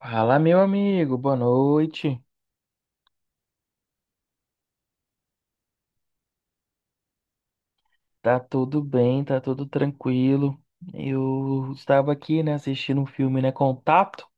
Fala, meu amigo, boa noite. Tá tudo bem, tá tudo tranquilo. Eu estava aqui, né, assistindo um filme, né, Contato,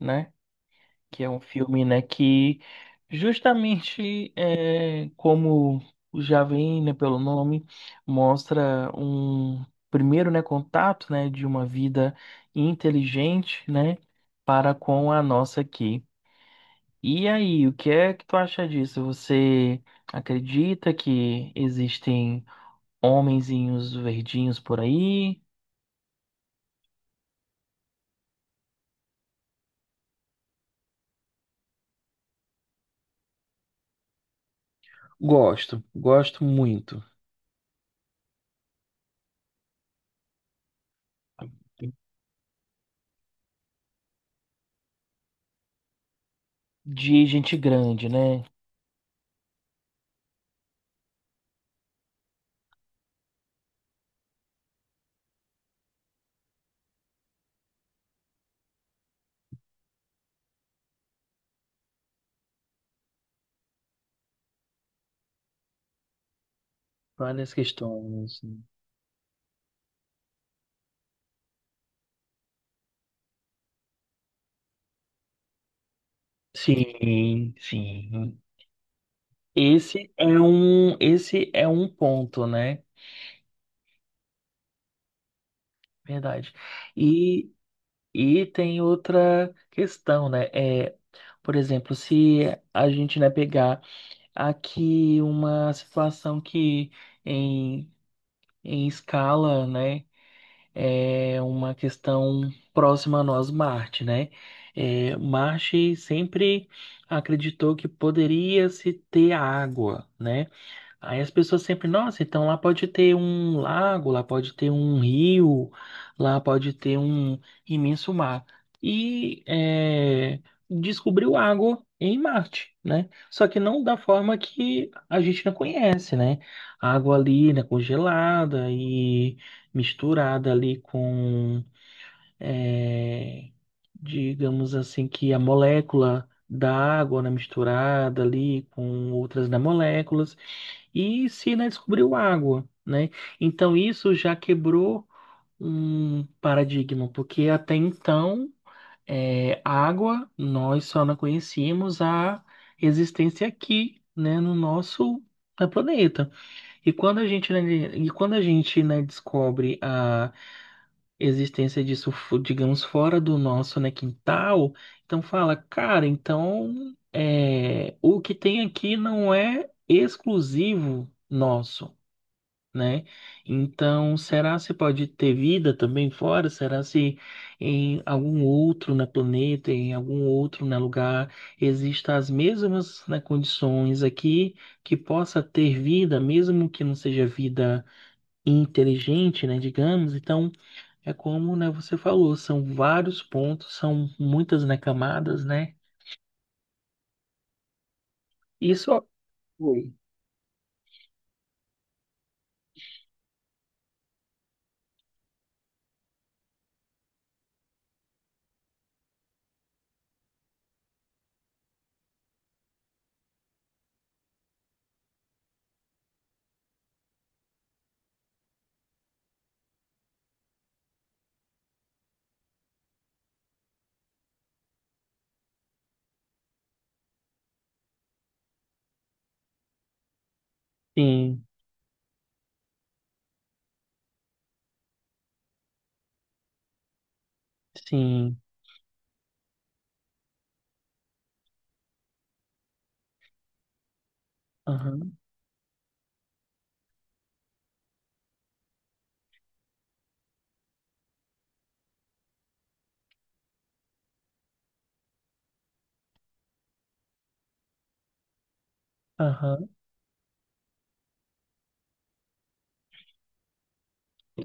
né, que é um filme, né, que justamente é, como já vem, né, pelo nome, mostra um primeiro, né, contato, né, de uma vida inteligente, né, para com a nossa aqui. E aí, o que é que tu acha disso? Você acredita que existem homenzinhos verdinhos por aí, Gosto, gosto muito. De gente grande, né? Várias questões. Sim, sim. Esse é um ponto, né? Verdade. E, e tem outra questão, né? É, por exemplo, se a gente, né, pegar aqui uma situação que em, em escala, né? É uma questão próxima a nós, Marte, né? É, Marte sempre acreditou que poderia se ter água, né? Aí as pessoas sempre, nossa, então lá pode ter um lago, lá pode ter um rio, lá pode ter um imenso mar. E é, descobriu água em Marte, né? Só que não da forma que a gente não conhece, né? A água ali, né, congelada e misturada ali com, é, digamos assim, que a molécula da água, né, misturada ali com outras da moléculas e Sina descobriu água, né? Então isso já quebrou um paradigma, porque até então é, água nós só não conhecíamos a existência aqui, né, no nosso planeta. E quando a gente, né, e quando a gente, né, descobre a existência disso, digamos, fora do nosso, né, quintal, então fala, cara, então é, o que tem aqui não é exclusivo nosso né? Então, será se pode ter vida também fora? Será se em algum outro na planeta, em algum outro na lugar, existem as mesmas, né, condições aqui que possa ter vida, mesmo que não seja vida inteligente, né, digamos? Então, é como, né, você falou, são vários pontos, são muitas, né, camadas, né? Isso. Oi. Sim, sim. Aham, aham.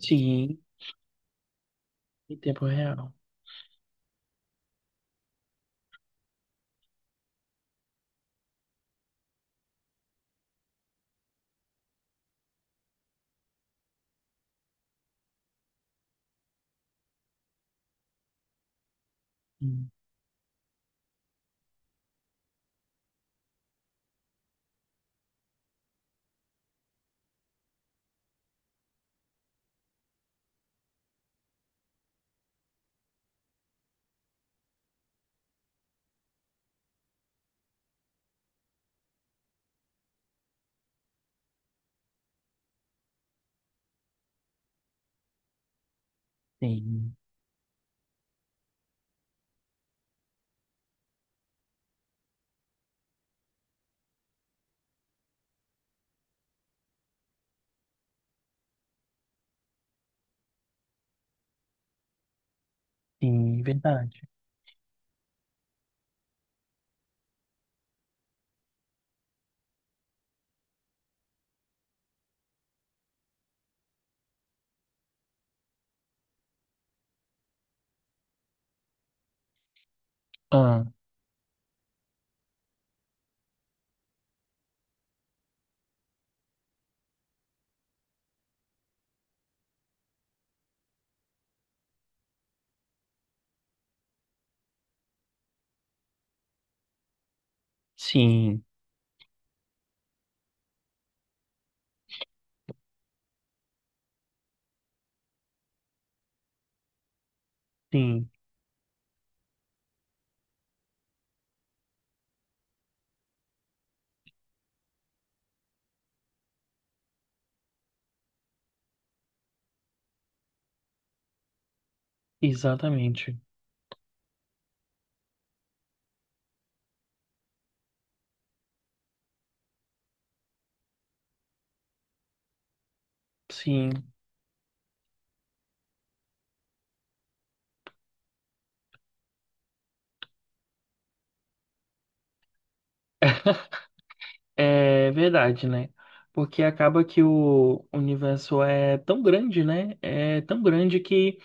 Sim, em tempo real. Hum, Sim. Sim, verdade. Ah, sim, sim, exatamente. Sim, é verdade, né? Porque acaba que o universo é tão grande, né? É tão grande que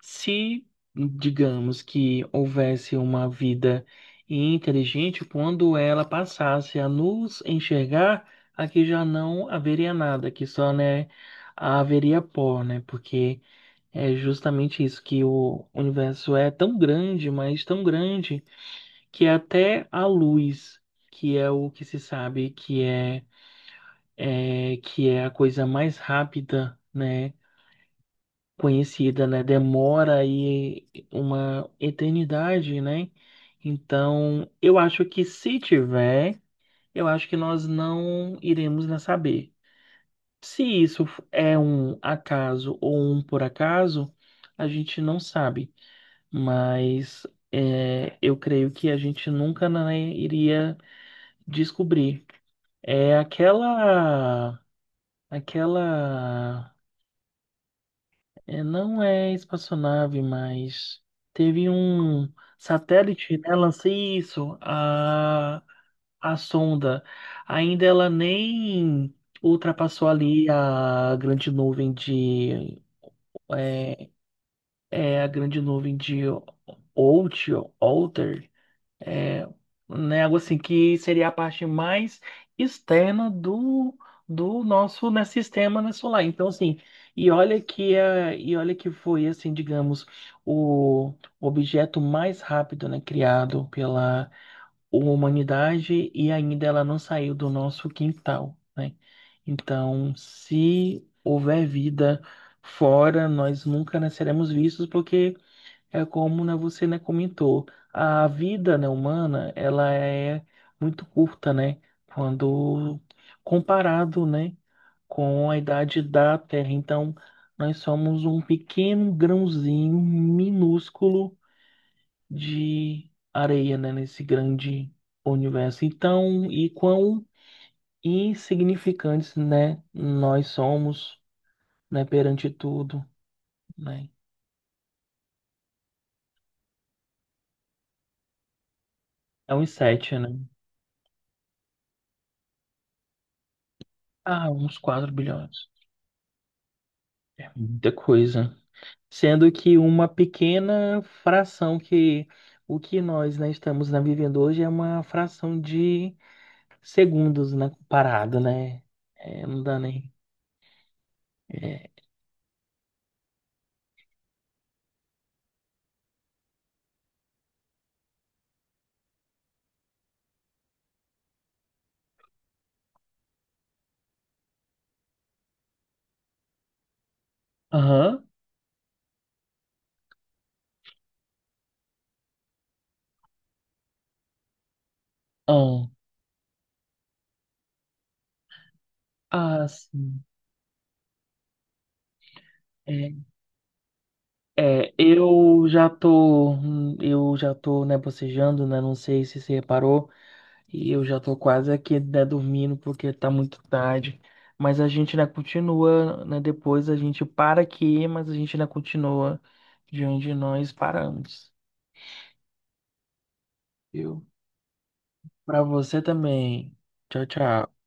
se, digamos, que houvesse uma vida inteligente, quando ela passasse a nos enxergar, aqui já não haveria nada, aqui só, né, haveria pó, né? Porque é justamente isso, que o universo é tão grande, mas tão grande, que é até a luz, que é o que se sabe que é, é que é a coisa mais rápida, né, conhecida, né, demora aí uma eternidade, né? Então, eu acho que se tiver, eu acho que nós não iremos né, saber. Se isso é um acaso ou um por acaso, a gente não sabe. Mas é, eu creio que a gente nunca, né, iria descobrir. É aquela, é, não é espaçonave, mas teve um satélite, né, lança isso, a sonda, ainda ela nem ultrapassou ali a grande nuvem de, é, é a grande nuvem de Oort, Oort, É, né, algo assim que seria a parte mais externa do, do nosso né, sistema né, solar. Então, assim, e olha que foi assim, digamos, o objeto mais rápido, né, criado pela humanidade e ainda ela não saiu do nosso quintal, né? Então, se houver vida fora, nós nunca, né, seremos vistos porque é como, né, você, né, comentou, a vida, né, humana, ela é muito curta, né, quando comparado, né, com a idade da Terra. Então, nós somos um pequeno grãozinho minúsculo de areia, né, nesse grande universo. Então, e quão insignificantes, né, nós somos, né, perante tudo, né? É uns sete, né? Ah, uns 4 bilhões. É muita coisa. Sendo que uma pequena fração que o que nós, né, estamos né, vivendo hoje é uma fração de segundos, né, comparado, né? É, não dá nem. É. Aham. Ahn. Ah, sim. É, é, eu já tô, né, bocejando, né? Não sei se você reparou. E eu já tô quase aqui né, dormindo porque tá muito tarde. Mas a gente ainda continua, né? Depois a gente para aqui, mas a gente ainda continua de onde nós paramos, viu? Pra você também. Tchau, tchau.